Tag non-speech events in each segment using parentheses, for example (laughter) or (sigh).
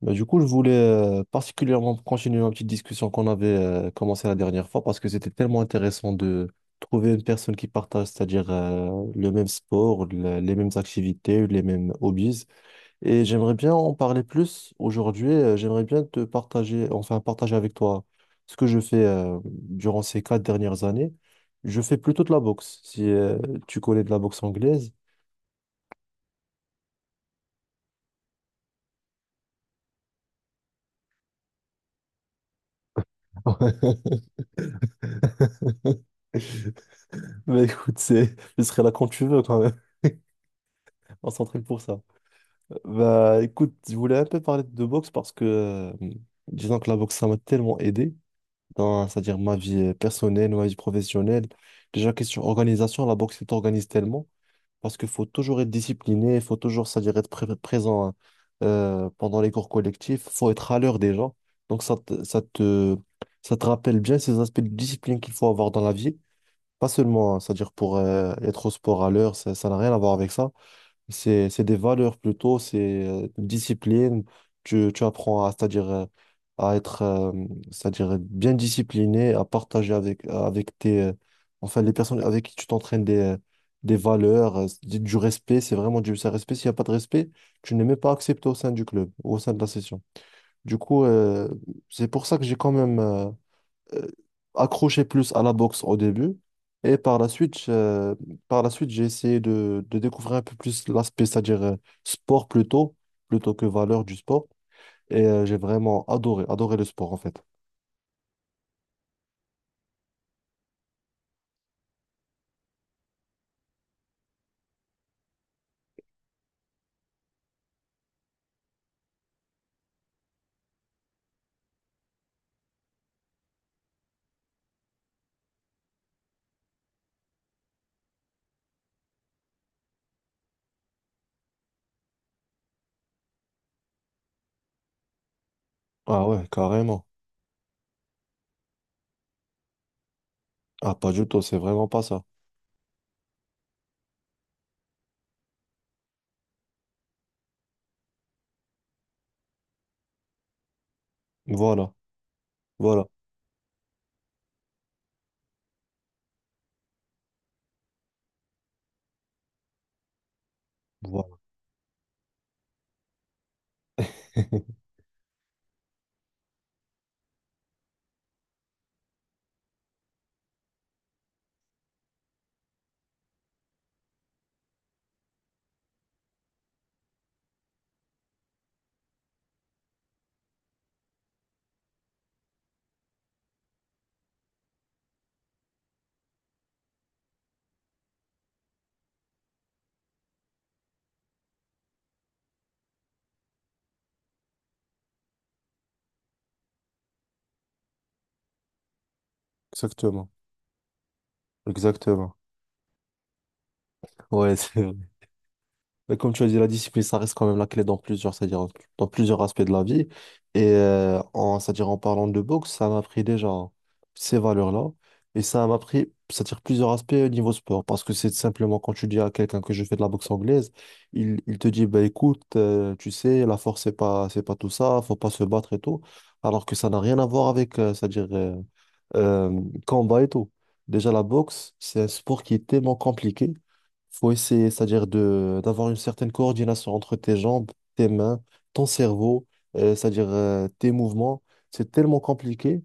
Bah, du coup, je voulais particulièrement continuer ma petite discussion qu'on avait commencée la dernière fois parce que c'était tellement intéressant de trouver une personne qui partage, c'est-à-dire le même sport, les mêmes activités, les mêmes hobbies. Et j'aimerais bien en parler plus aujourd'hui. J'aimerais bien te partager, enfin partager avec toi ce que je fais durant ces quatre dernières années. Je fais plutôt de la boxe, si tu connais de la boxe anglaise. (laughs) (laughs) Bah écoute, je serai là quand tu veux quand même. (laughs) On s'entraîne pour ça. Bah écoute, je voulais un peu parler de boxe parce que disons que la boxe, ça m'a tellement aidé dans, c'est-à-dire ma vie personnelle, ma vie professionnelle. Déjà, question organisation, la boxe, elle t'organise tellement parce qu'il faut toujours être discipliné, il faut toujours, c'est-à-dire être présent pendant les cours collectifs, il faut être à l'heure déjà. Donc ça te rappelle bien ces aspects de discipline qu'il faut avoir dans la vie. Pas seulement, hein, c'est-à-dire pour être au sport à l'heure, ça n'a rien à voir avec ça. C'est des valeurs plutôt, c'est une discipline. Tu apprends à, c'est-à-dire à être, c'est-à-dire bien discipliné, à partager avec tes, enfin les personnes avec qui tu t'entraînes des valeurs, du respect. C'est vraiment du c'est un respect. S'il n'y a pas de respect, tu n'es même pas accepté au sein du club, au sein de la session. Du coup, c'est pour ça que j'ai quand même, euh, accroché plus à la boxe au début. Et par la suite, j'ai essayé de découvrir un peu plus l'aspect, c'est-à-dire sport plutôt, plutôt que valeur du sport. Et j'ai vraiment adoré le sport en fait. Ah ouais, carrément. Ah, pas du tout, c'est vraiment pas ça. Voilà, voilà, voilà. (laughs) Exactement, exactement. Ouais, (laughs) c'est mais comme tu as dit, la discipline, ça reste quand même la clé dans plusieurs, c'est-à-dire dans plusieurs aspects de la vie. Et en, c'est-à-dire en parlant de boxe, ça m'a pris déjà ces valeurs-là. Et ça m'a pris, c'est-à-dire plusieurs aspects au niveau sport. Parce que c'est simplement quand tu dis à quelqu'un que je fais de la boxe anglaise, il te dit, bah, écoute, tu sais, la force, c'est pas tout ça, faut pas se battre et tout. Alors que ça n'a rien à voir avec, c'est-à-dire euh, combat et tout. Déjà, la boxe, c'est un sport qui est tellement compliqué faut essayer, c'est-à-dire de d'avoir une certaine coordination entre tes jambes, tes mains, ton cerveau, c'est-à-dire tes mouvements. C'est tellement compliqué.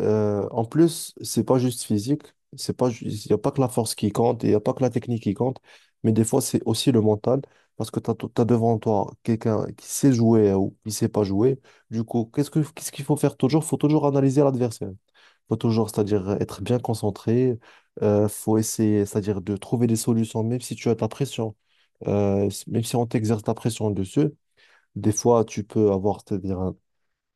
En plus, c'est pas juste physique, c'est pas il n'y a pas que la force qui compte, il n'y a pas que la technique qui compte, mais des fois c'est aussi le mental parce que tu as, devant toi quelqu'un qui sait jouer ou qui sait pas jouer. Du coup, qu'est-ce qu'il faut faire toujours? Faut toujours analyser l'adversaire. Faut toujours, c'est-à-dire être bien concentré. Faut essayer, c'est-à-dire de trouver des solutions, même si tu as de la pression. Même si on t'exerce de la pression dessus, des fois, tu peux avoir, c'est-à-dire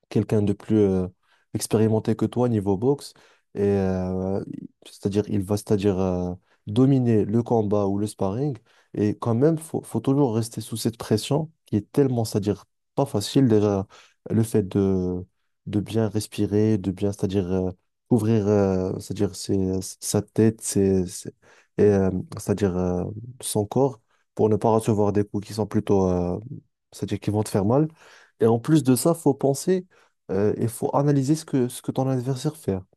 quelqu'un de plus expérimenté que toi niveau boxe. Et c'est-à-dire, il va c'est-à-dire dominer le combat ou le sparring. Et quand même, faut toujours rester sous cette pression qui est tellement, c'est-à-dire pas facile. Déjà, le fait de bien respirer, de bien, c'est-à-dire couvrir, c'est-à-dire sa tête, et c'est-à-dire son corps pour ne pas recevoir des coups qui sont plutôt, c'est-à-dire qui vont te faire mal. Et en plus de ça, faut penser il faut analyser ce que ton adversaire fait, hein.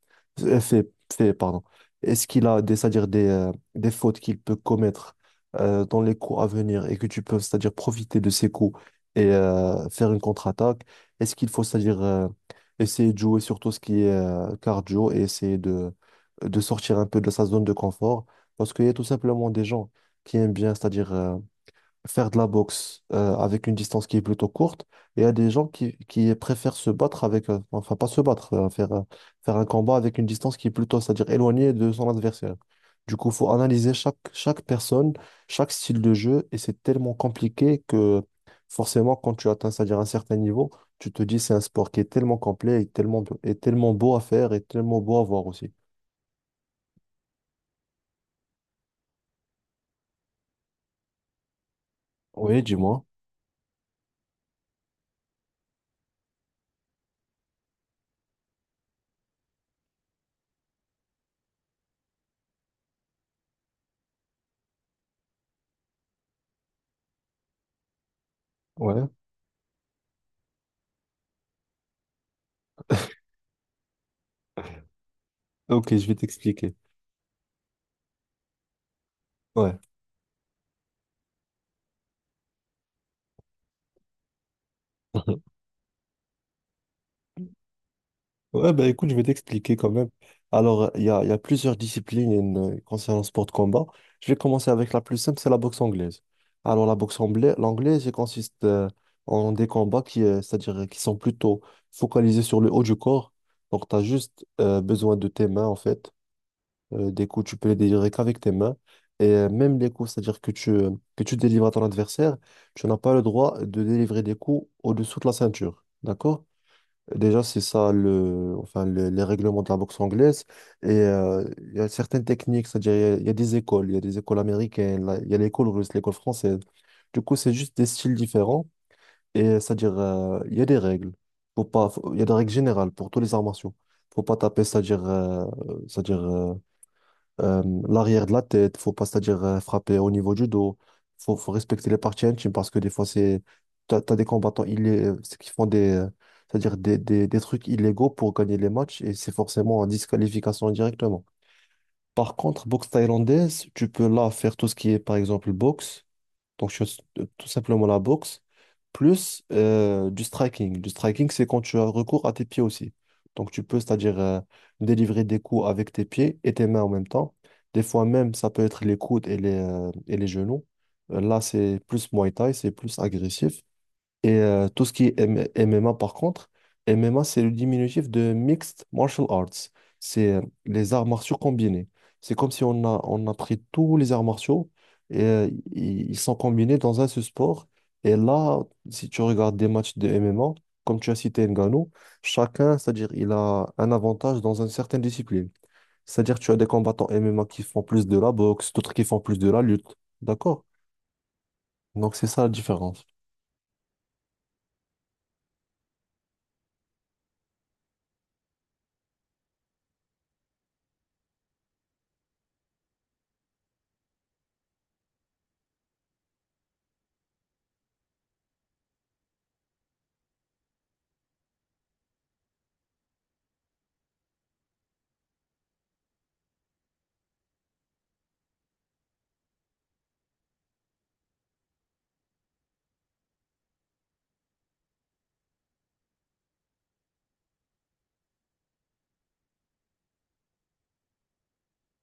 Pardon. Est-ce qu'il a des, c'est-à-dire des fautes qu'il peut commettre dans les coups à venir et que tu peux, c'est-à-dire profiter de ces coups et faire une contre-attaque? Est-ce qu'il faut, c'est-à-dire essayer de jouer surtout ce qui est cardio et essayer de sortir un peu de sa zone de confort? Parce qu'il y a tout simplement des gens qui aiment bien, c'est-à-dire faire de la boxe avec une distance qui est plutôt courte. Et il y a des gens qui préfèrent se battre avec, enfin pas se battre, faire, faire un combat avec une distance qui est plutôt, c'est-à-dire éloignée de son adversaire. Du coup, il faut analyser chaque personne, chaque style de jeu, et c'est tellement compliqué que forcément, quand tu atteins, c'est-à-dire un certain niveau, tu te dis c'est un sport qui est tellement complet et tellement beau à faire et tellement beau à voir aussi. Oui, dis-moi. Ouais. Ok, je vais t'expliquer. Ouais. (laughs) Ouais, bah écoute, je vais t'expliquer quand même. Alors, il y a plusieurs disciplines concernant le sport de combat. Je vais commencer avec la plus simple, c'est la boxe anglaise. Alors, la boxe anglaise, l'anglaise, elle consiste en des combats qui, c'est-à-dire qui sont plutôt focalisés sur le haut du corps. Donc, tu as juste besoin de tes mains, en fait. Des coups, tu peux les délivrer qu'avec tes mains. Et même les coups, c'est-à-dire que que tu délivres à ton adversaire, tu n'as pas le droit de délivrer des coups au-dessous de la ceinture. D'accord? Déjà, c'est ça le, enfin, les règlements de la boxe anglaise. Et il y a certaines techniques, c'est-à-dire il y a des écoles, il y a des écoles américaines, là, il y a l'école russe, l'école française. Du coup, c'est juste des styles différents. Et c'est-à-dire, il y a des règles. Faut pas, faut- Il y a des règles générales pour tous les arts martiaux. Faut pas taper, c'est-à-dire, c'est-à-dire euh, l'arrière de la tête, faut pas, c'est-à-dire frapper au niveau du dos. Faut respecter les parties intimes parce que des fois, t'as des combattants c'est qui font des, c'est-à-dire des trucs illégaux pour gagner les matchs et c'est forcément en disqualification directement. Par contre, boxe thaïlandaise, tu peux là faire tout ce qui est, par exemple, boxe. Donc, je fais tout simplement la boxe, plus du striking. Du striking, c'est quand tu as recours à tes pieds aussi. Donc, tu peux, c'est-à-dire, délivrer des coups avec tes pieds et tes mains en même temps. Des fois même, ça peut être les coudes et et les genoux. Là, c'est plus Muay Thai, c'est plus agressif. Et tout ce qui est MMA, par contre, MMA, c'est le diminutif de Mixed Martial Arts. C'est les arts martiaux combinés. C'est comme si on a pris tous les arts martiaux et ils sont combinés dans un seul sport. Et là, si tu regardes des matchs de MMA, comme tu as cité Ngannou, chacun, c'est-à-dire, il a un avantage dans une certaine discipline. C'est-à-dire, tu as des combattants MMA qui font plus de la boxe, d'autres qui font plus de la lutte. D'accord? Donc, c'est ça la différence.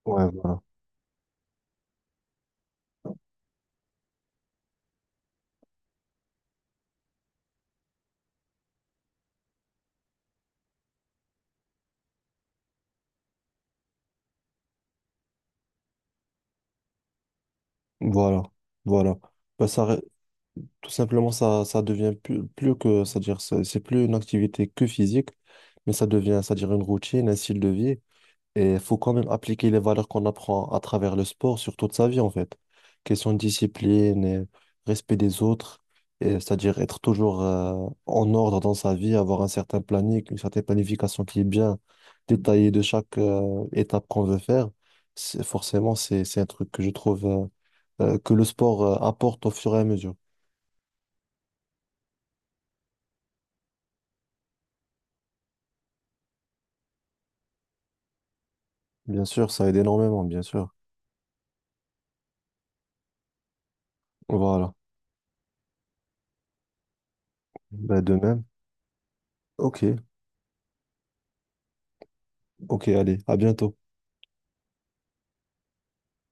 Ouais, voilà. Voilà, voilà. Bah, ça, tout simplement, ça devient plus, plus que, c'est-à-dire, c'est plus une activité que physique, mais ça devient, c'est-à-dire, une routine, un style de vie. Et il faut quand même appliquer les valeurs qu'on apprend à travers le sport sur toute sa vie, en fait. Question de discipline, et respect des autres, et c'est-à-dire être toujours en ordre dans sa vie, avoir un certain planning, une certaine planification qui est bien détaillée de chaque étape qu'on veut faire. Forcément, c'est un truc que je trouve. Que le sport apporte au fur et à mesure. Bien sûr, ça aide énormément, bien sûr. Voilà. Ben, de même. Ok, ok, allez, à bientôt.